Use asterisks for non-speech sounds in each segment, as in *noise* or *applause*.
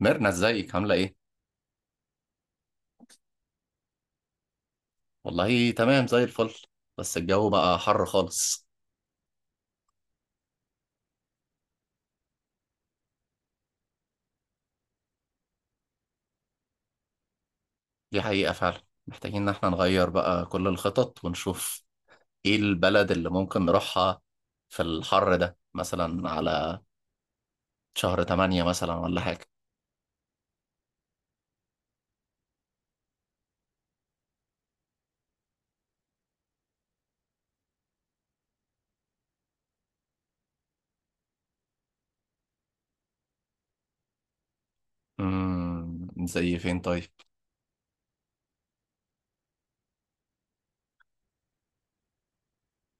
ميرنا ازيك عاملة ايه؟ والله تمام زي الفل. بس الجو بقى حر خالص. دي حقيقة فعلا. محتاجين ان احنا نغير بقى كل الخطط ونشوف ايه البلد اللي ممكن نروحها في الحر ده، مثلا على شهر تمانية مثلا ولا حاجة. زي فين طيب؟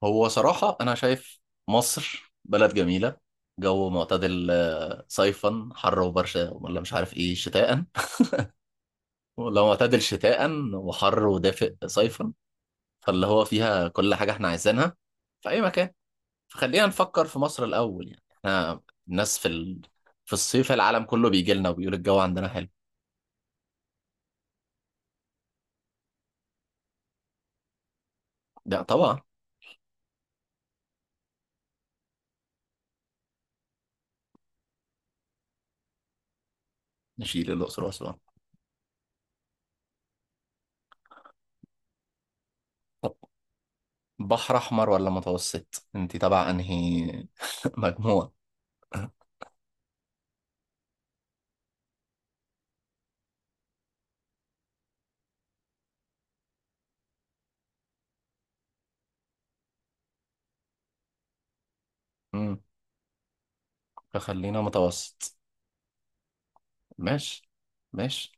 هو صراحة انا شايف مصر بلد جميلة، جو معتدل، صيفا حر وبرشا ولا مش عارف ايه شتاء. *laughs* لو معتدل شتاء وحر ودافئ صيفا، فاللي هو فيها كل حاجة احنا عايزينها في أي مكان. فخلينا نفكر في مصر الأول، يعني احنا الناس في الصيف العالم كله بيجي لنا وبيقول الجو عندنا حلو. لا طبعا. نشيل الأقصر وأسوان. طب بحر أحمر ولا متوسط؟ انت تبع أنهي *laughs* مجموعة؟ مم. فخلينا متوسط. ماشي، ماشي.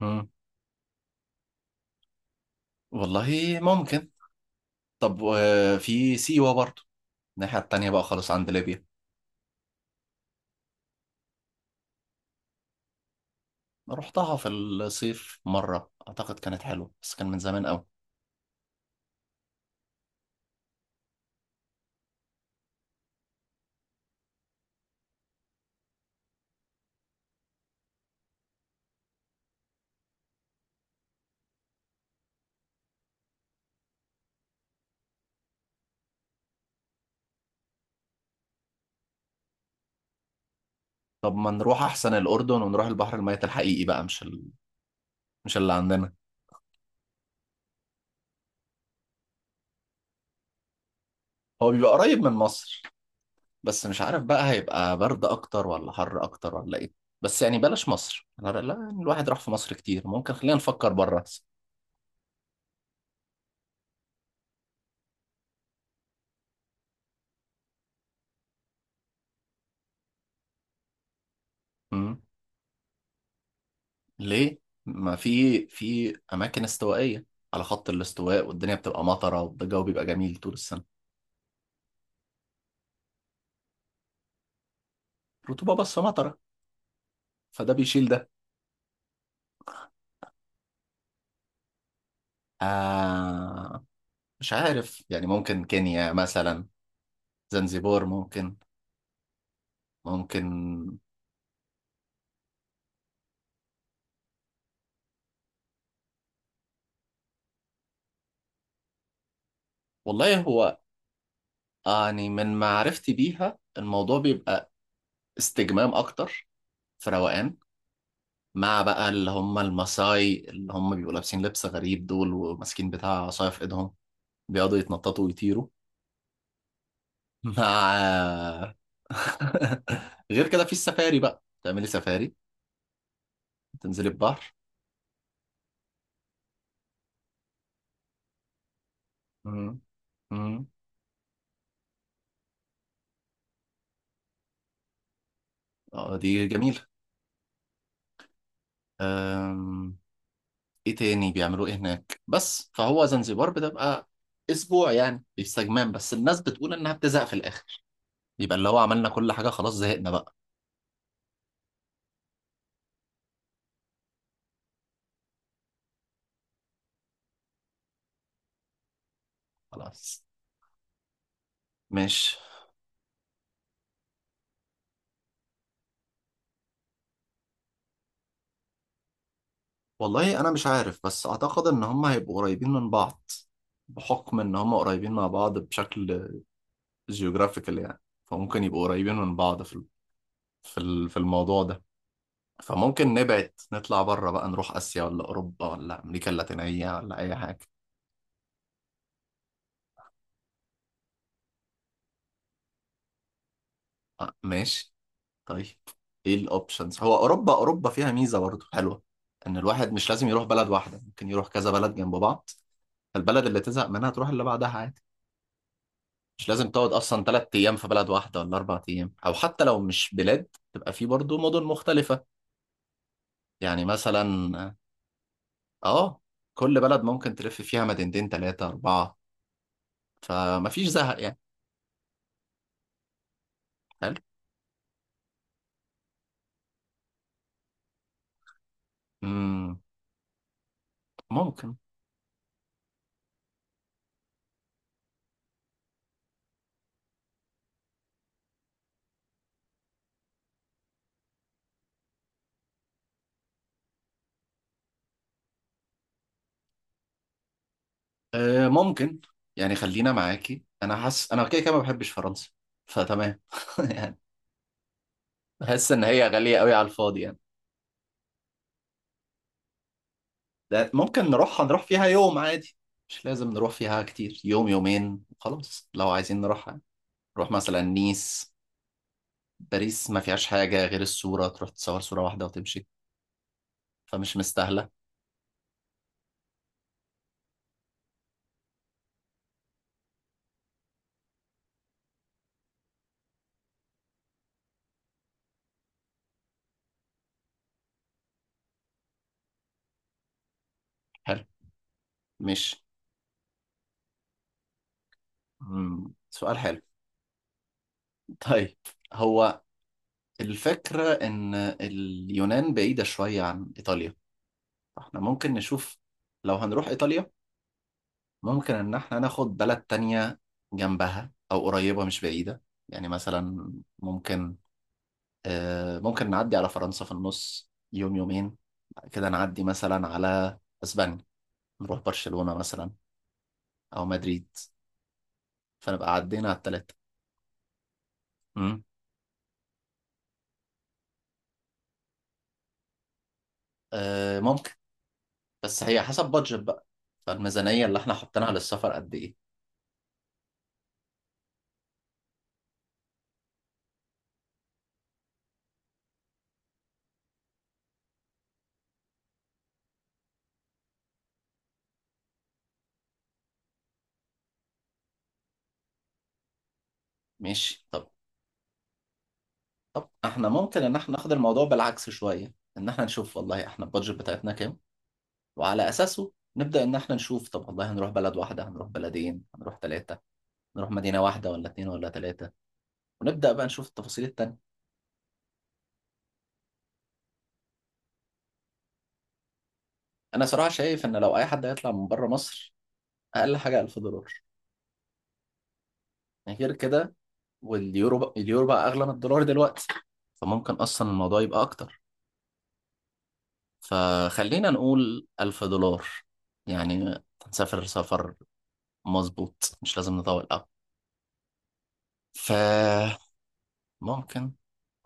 مم. والله ممكن. طب في سيوة برضه، الناحية التانية بقى خالص عند ليبيا. رحتها في الصيف مرة، أعتقد كانت حلوة بس كان من زمان أوي. طب ما نروح احسن الاردن ونروح البحر الميت الحقيقي بقى، مش اللي عندنا. هو بيبقى قريب من مصر، بس مش عارف بقى هيبقى برد اكتر ولا حر اكتر ولا ايه. بس يعني بلاش مصر، لا لا، يعني الواحد راح في مصر كتير، ممكن خلينا نفكر بره احسن. أمم. ليه؟ ما في اماكن استوائيه على خط الاستواء، والدنيا بتبقى مطره والجو بيبقى جميل طول السنه. رطوبه بس مطره، فده بيشيل ده. آه مش عارف، يعني ممكن كينيا مثلا. زنزبور ممكن. ممكن. والله هو يعني من معرفتي بيها الموضوع بيبقى استجمام اكتر، في روقان، مع بقى اللي هم الماساي اللي هم بيبقوا لابسين لبس غريب دول، وماسكين بتاع عصاية في ايدهم، بيقعدوا يتنططوا ويطيروا مع *laughs* غير كده في السفاري بقى، تعملي سفاري، تنزلي البحر. مم. مم. اه دي جميلة. أم... ايه تاني بيعملوه ايه هناك؟ بس فهو زنزبار بتبقى اسبوع يعني باستجمام بس، الناس بتقول انها بتزهق في الاخر. يبقى اللي هو عملنا كل حاجه خلاص زهقنا بقى. خلاص. مش والله انا مش عارف، بس اعتقد ان هم هيبقوا قريبين من بعض، بحكم ان هم قريبين مع بعض بشكل جيوغرافيكال يعني. فممكن يبقوا قريبين من بعض في الموضوع ده. فممكن نبعد نطلع بره بقى، نروح اسيا ولا اوروبا ولا امريكا اللاتينيه ولا اي حاجه. آه، ماشي. طيب، ايه الاوبشنز؟ هو اوروبا فيها ميزه برضه حلوه، ان الواحد مش لازم يروح بلد واحده، ممكن يروح كذا بلد جنب بعض. فالبلد اللي تزهق منها تروح اللي بعدها عادي. مش لازم تقعد اصلا ثلاث ايام في بلد واحده، ولا اربع ايام، او حتى لو مش بلاد تبقى في برضه مدن مختلفه. يعني مثلا، اه، كل بلد ممكن تلف فيها مدينتين، ثلاثه، اربعه، فمفيش زهق يعني. حلو. امم ممكن. آه ممكن. يعني خلينا معاكي، انا حاسس انا كده كده ما بحبش فرنسا، فتمام. *laughs* بحس ان هي غالية قوي على الفاضي يعني. ده ممكن هنروح فيها يوم عادي، مش لازم نروح فيها كتير، يوم يومين خلاص لو عايزين نروح يعني. نروح مثلا نيس. باريس ما فيهاش حاجة غير الصورة، تروح تصور صورة واحدة وتمشي، فمش مستاهلة. حلو. مش مم. سؤال حلو. طيب، هو الفكرة ان اليونان بعيدة شوية عن ايطاليا، فاحنا ممكن نشوف. لو هنروح ايطاليا، ممكن إن إحنا ناخد بلد تانية جنبها أو قريبة، مش بعيدة. يعني مثلا، ممكن ممكن نعدي على فرنسا في النص، يوم يومين، بعد كده نعدي مثلا على أسبانيا، نروح برشلونة مثلا أو مدريد، فنبقى عدينا على التلاتة. مم. آه، ممكن. بس هي حسب بادجت بقى، فالميزانية اللي إحنا حاطينها للسفر قد إيه. ماشي. طب إحنا ممكن إن إحنا ناخد الموضوع بالعكس شوية، إن إحنا نشوف والله إحنا البادجت بتاعتنا كام، وعلى أساسه نبدأ إن إحنا نشوف، طب والله هنروح بلد واحدة، هنروح بلدين، هنروح ثلاثة، نروح مدينة واحدة ولا اتنين ولا ثلاثة، ونبدأ بقى نشوف التفاصيل التانية. أنا صراحة شايف إن لو أي حد هيطلع من بره مصر، أقل حاجة 1000 دولار يعني، غير كده واليورو بقى اليورو بقى أغلى من الدولار دلوقتي، فممكن أصلا الموضوع يبقى أكتر. فخلينا نقول 1000 دولار يعني. هنسافر سفر مظبوط، مش لازم نطول أوي. فممكن،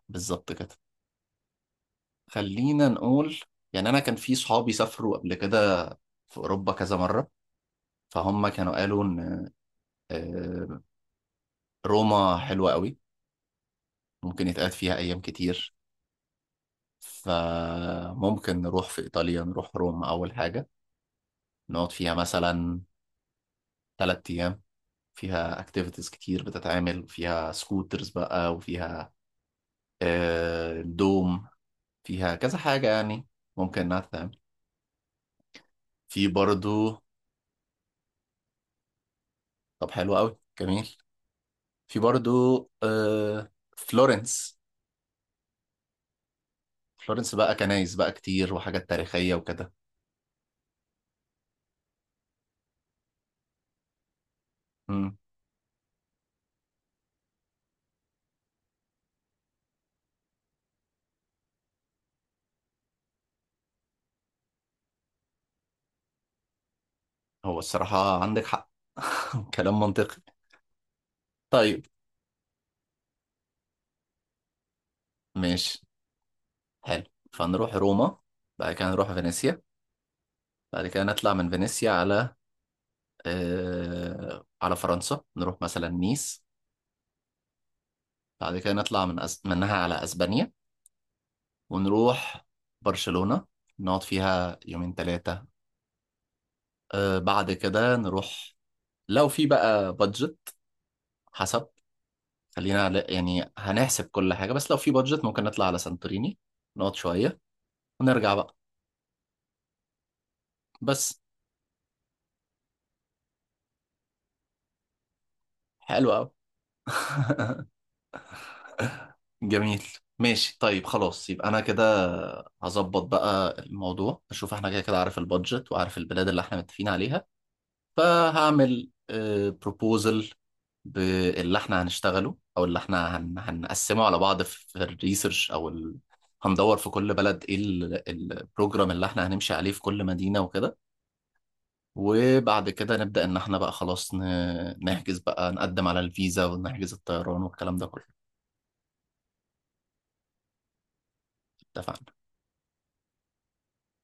بالظبط كده. خلينا نقول، يعني انا كان في صحابي سافروا قبل كده في اوروبا كذا مره، فهم كانوا قالوا ان آه، روما حلوه قوي، ممكن يتقعد فيها ايام كتير. فممكن نروح في ايطاليا، نروح روما اول حاجه، نقعد فيها مثلا ثلاث ايام. فيها اكتيفيتيز كتير بتتعمل، فيها سكوترز بقى، وفيها دوم، فيها كذا حاجه يعني ممكن انها تتعمل. في برضو. طب حلو قوي، جميل. في برضو آه فلورنس، فلورنس بقى كنايس بقى كتير وحاجات تاريخية وكده. مم. هو الصراحة عندك حق. *laughs* كلام منطقي. طيب، ماشي، حلو. فنروح روما، بعد كده نروح فينيسيا، بعد كده نطلع من فينيسيا على فرنسا، نروح مثلا نيس، بعد كده نطلع منها على أسبانيا ونروح برشلونة، نقعد فيها يومين ثلاثة. بعد كده نروح، لو في بقى بادجت، حسب، خلينا يعني هنحسب كل حاجة، بس لو في بادجت ممكن نطلع على سانتوريني، نقعد شوية ونرجع بقى. بس حلو أوي. *laughs* جميل. ماشي طيب خلاص، يبقى أنا كده هظبط بقى الموضوع، أشوف احنا كده كده عارف البادجت وعارف البلاد اللي احنا متفقين عليها، فهعمل بروبوزل باللي احنا هنشتغله، أو اللي احنا هنقسمه على بعض في الريسيرش أو هندور في كل بلد ايه البروجرام اللي احنا هنمشي عليه في كل مدينة وكده. وبعد كده نبدأ إن إحنا بقى خلاص، نحجز بقى، نقدم على الفيزا ونحجز الطيران والكلام ده كله. اتفقنا.